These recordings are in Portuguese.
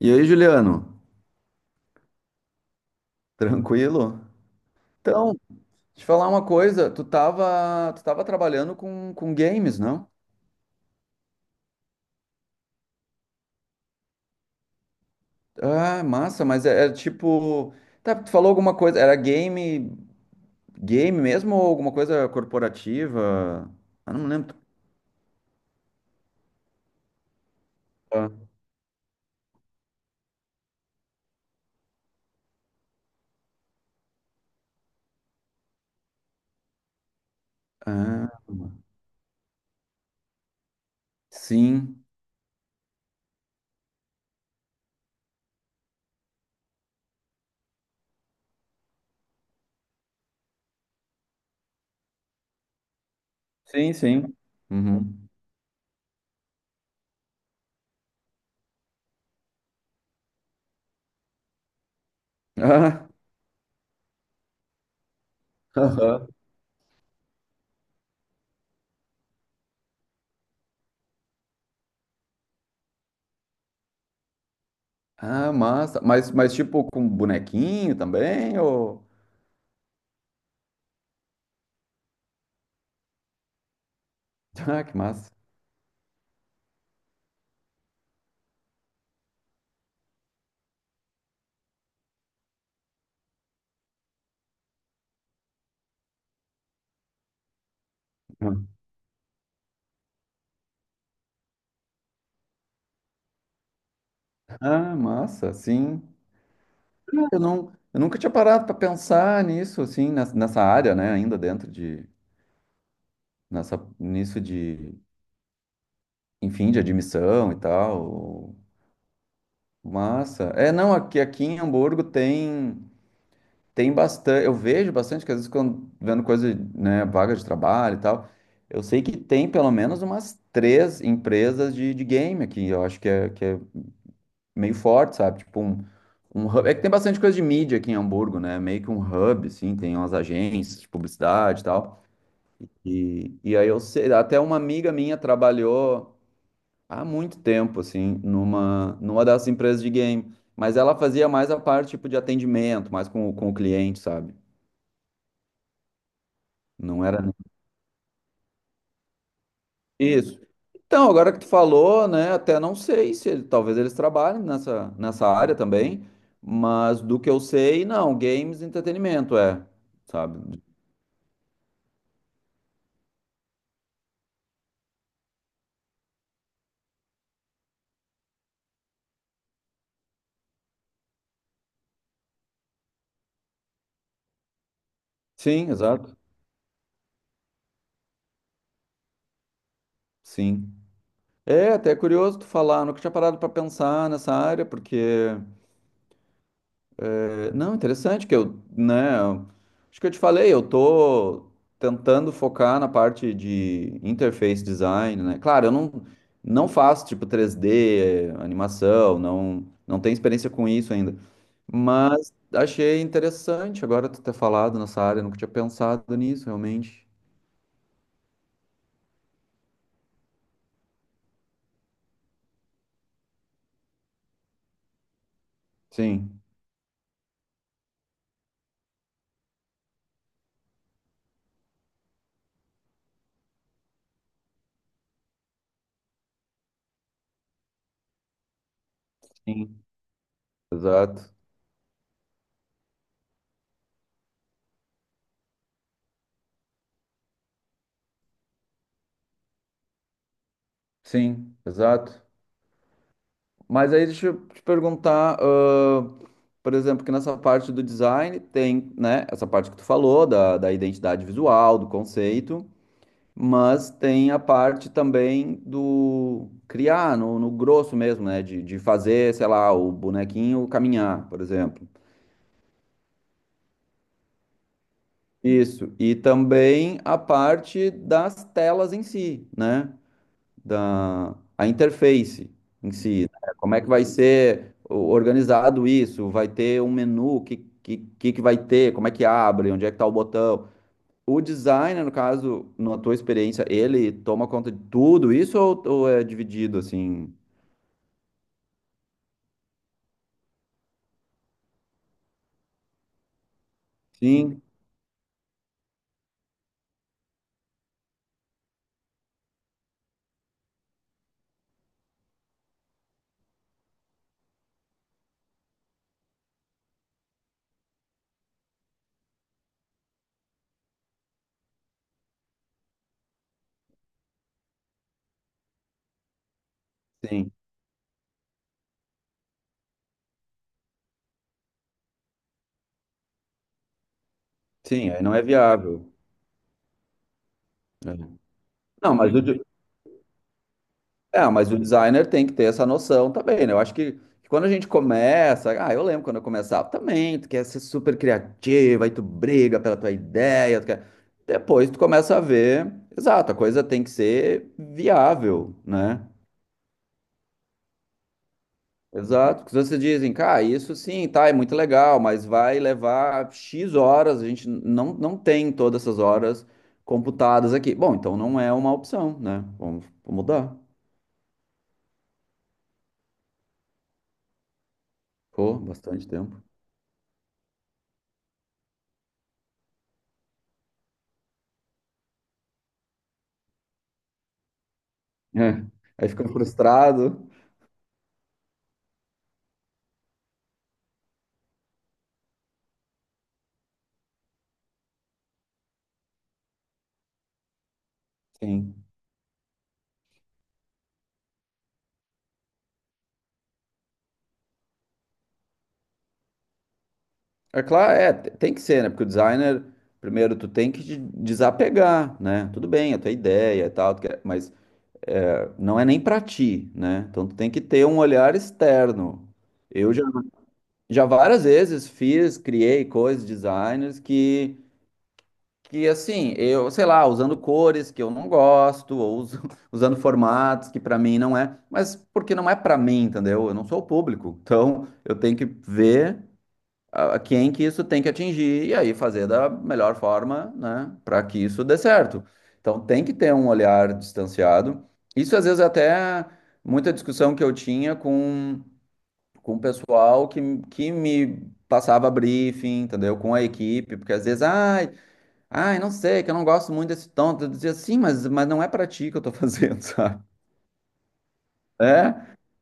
E aí, Juliano? Tranquilo? Então, te falar uma coisa, tu tava trabalhando com games, não? Ah, massa, mas é tipo, tá, tu falou alguma coisa, era game, game mesmo ou alguma coisa corporativa? Ah, não lembro. Ah, ah, sim. Sim, sim. Uhum. Ah, aham. Ah, massa. Mas tipo com bonequinho também ou ah, que massa. Ah, massa, sim. Eu nunca tinha parado para pensar nisso, assim, nessa área, né, ainda dentro de, nessa, nisso de, enfim, de admissão e tal. Massa. É, não, aqui em Hamburgo tem bastante, eu vejo bastante, que às vezes quando vendo coisa, né, vaga de trabalho e tal, eu sei que tem pelo menos umas três empresas de game aqui, eu acho que é meio forte, sabe? Tipo um, um hub. É que tem bastante coisa de mídia aqui em Hamburgo, né? Meio que um hub, assim, tem umas agências de publicidade e tal. E aí eu sei, até uma amiga minha trabalhou há muito tempo, assim, numa dessas empresas de game. Mas ela fazia mais a parte, tipo, de atendimento, mais com, com o cliente, sabe? Não era. Isso. Então, agora que tu falou, né, até não sei se talvez eles trabalhem nessa, nessa área também, mas do que eu sei, não, games, entretenimento, é, sabe? Sim, exato. Sim. É até curioso tu falar, nunca tinha parado pra pensar nessa área, porque não, interessante que eu, né, acho que eu te falei, eu tô tentando focar na parte de interface design, né? Claro, eu não não faço tipo 3D, animação, não não tenho experiência com isso ainda. Mas achei interessante agora tu ter falado nessa área, eu nunca tinha pensado nisso realmente. Sim, sim, exato. Sim, exato. Mas aí deixa eu te perguntar, por exemplo, que nessa parte do design tem, né, essa parte que tu falou, da identidade visual, do conceito, mas tem a parte também do criar, no grosso mesmo, né, de fazer, sei lá, o bonequinho caminhar, por exemplo. Isso. E também a parte das telas em si, né? da a interface em si, né? Como é que vai ser organizado isso? Vai ter um menu? Que vai ter? Como é que abre? Onde é que está o botão? O designer, no caso, na tua experiência, ele toma conta de tudo isso ou é dividido assim? Sim, sim, sim, aí não é viável. É. Não, mas o, de- É, mas o designer tem que ter essa noção também, né? Eu acho que quando a gente começa, ah, eu lembro quando eu começava também, tu quer ser super criativa, aí tu briga pela tua ideia, depois tu começa a ver, exato, a coisa tem que ser viável, né? Exato, porque vocês dizem, cara, isso sim, tá, é muito legal, mas vai levar X horas, a gente não, não tem todas essas horas computadas aqui. Bom, então não é uma opção, né? Vamos, vamos mudar. Pô, bastante tempo. É, aí fica frustrado. Sim. É claro, é, tem que ser, né? Porque o designer, primeiro, tu tem que te desapegar, né? Tudo bem, a tua ideia e tal, mas é, não é nem pra ti, né? Então tu tem que ter um olhar externo. Eu já, já várias vezes fiz, criei coisas, designers que assim, eu, sei lá, usando cores que eu não gosto, usando formatos que pra mim não é, mas porque não é pra mim, entendeu? Eu não sou o público. Então eu tenho que ver a quem que isso tem que atingir e aí fazer da melhor forma, né, para que isso dê certo. Então tem que ter um olhar distanciado. Isso às vezes é até muita discussão que eu tinha com o pessoal que me passava briefing, entendeu? Com a equipe, porque às vezes, ai, ai, não sei, que eu não gosto muito desse tom. Eu dizia, sim, mas não é para ti que eu tô fazendo, sabe? É,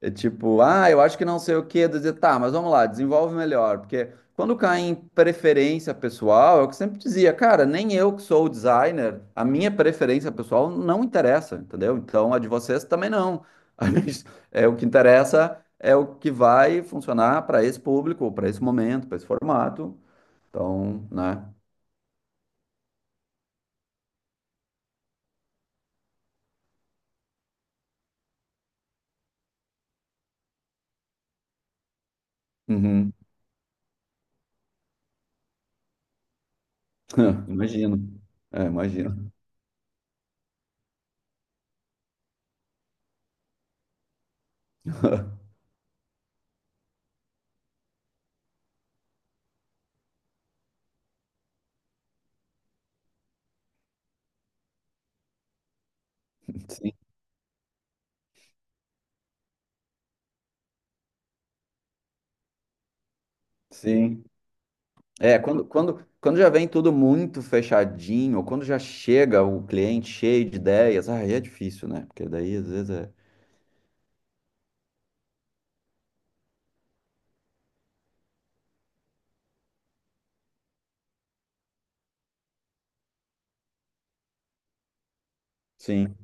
é tipo, ah, eu acho que não sei o quê, dizer, tá, mas vamos lá, desenvolve melhor, porque quando cai em preferência pessoal, é o que eu sempre dizia, cara, nem eu que sou o designer, a minha preferência pessoal não interessa, entendeu? Então a de vocês também não. A gente- É o que interessa, é o que vai funcionar para esse público, para esse momento, para esse formato. Então, né? Uhum. Imagino. É, imagino. Sim, sim. É, quando já vem tudo muito fechadinho, quando já chega o cliente cheio de ideias, ah, aí é difícil, né? Porque daí às vezes é. Sim,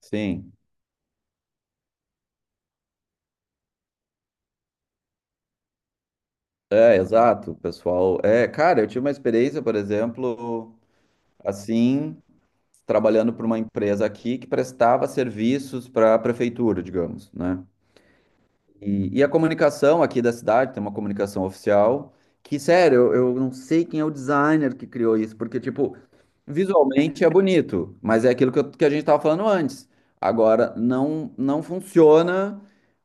sim. É, exato, pessoal. É, cara, eu tive uma experiência, por exemplo, assim, trabalhando para uma empresa aqui que prestava serviços para a prefeitura, digamos, né? E a comunicação aqui da cidade tem uma comunicação oficial que, sério, eu não sei quem é o designer que criou isso, porque, tipo, visualmente é bonito, mas é aquilo que a gente estava falando antes. Agora, não, não funciona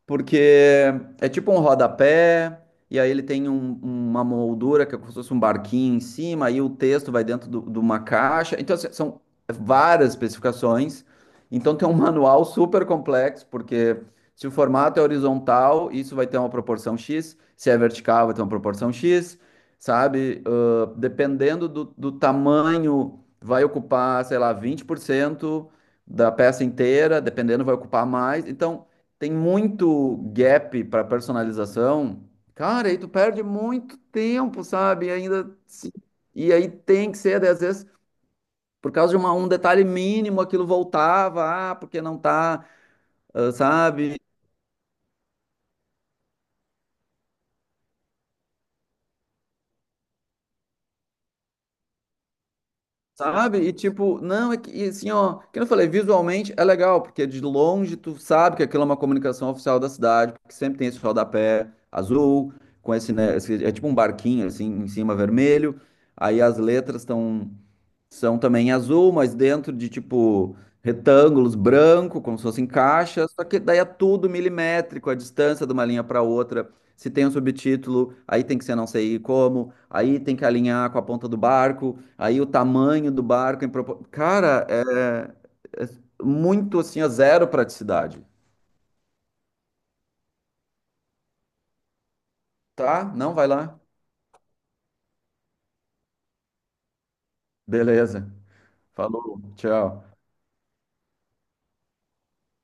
porque é tipo um rodapé, e aí ele tem uma moldura que é como se fosse um barquinho em cima, aí o texto vai dentro de uma caixa. Então, assim, são várias especificações. Então, tem um manual super complexo, porque se o formato é horizontal, isso vai ter uma proporção X. Se é vertical, vai ter uma proporção X, sabe? Ah, dependendo do tamanho, vai ocupar, sei lá, 20% da peça inteira, dependendo, vai ocupar mais. Então, tem muito gap para personalização. Cara, aí tu perde muito tempo, sabe? E ainda. Se- E aí tem que ser, às vezes, por causa de um detalhe mínimo, aquilo voltava, ah, porque não tá, ah, sabe? Sabe? E tipo, não, é que e assim, ó, que eu falei, visualmente é legal, porque de longe tu sabe que aquilo é uma comunicação oficial da cidade, porque sempre tem esse rodapé azul, com esse, né, é tipo um barquinho assim, em cima vermelho, aí as letras estão são também em azul, mas dentro de tipo retângulos branco, como se fossem caixas, só que daí é tudo milimétrico, a distância de uma linha para outra. Se tem um subtítulo, aí tem que ser não sei como, aí tem que alinhar com a ponta do barco, aí o tamanho do barco em propor... Cara, é, é muito assim, a zero praticidade. Tá? Não vai lá. Beleza. Falou. Tchau.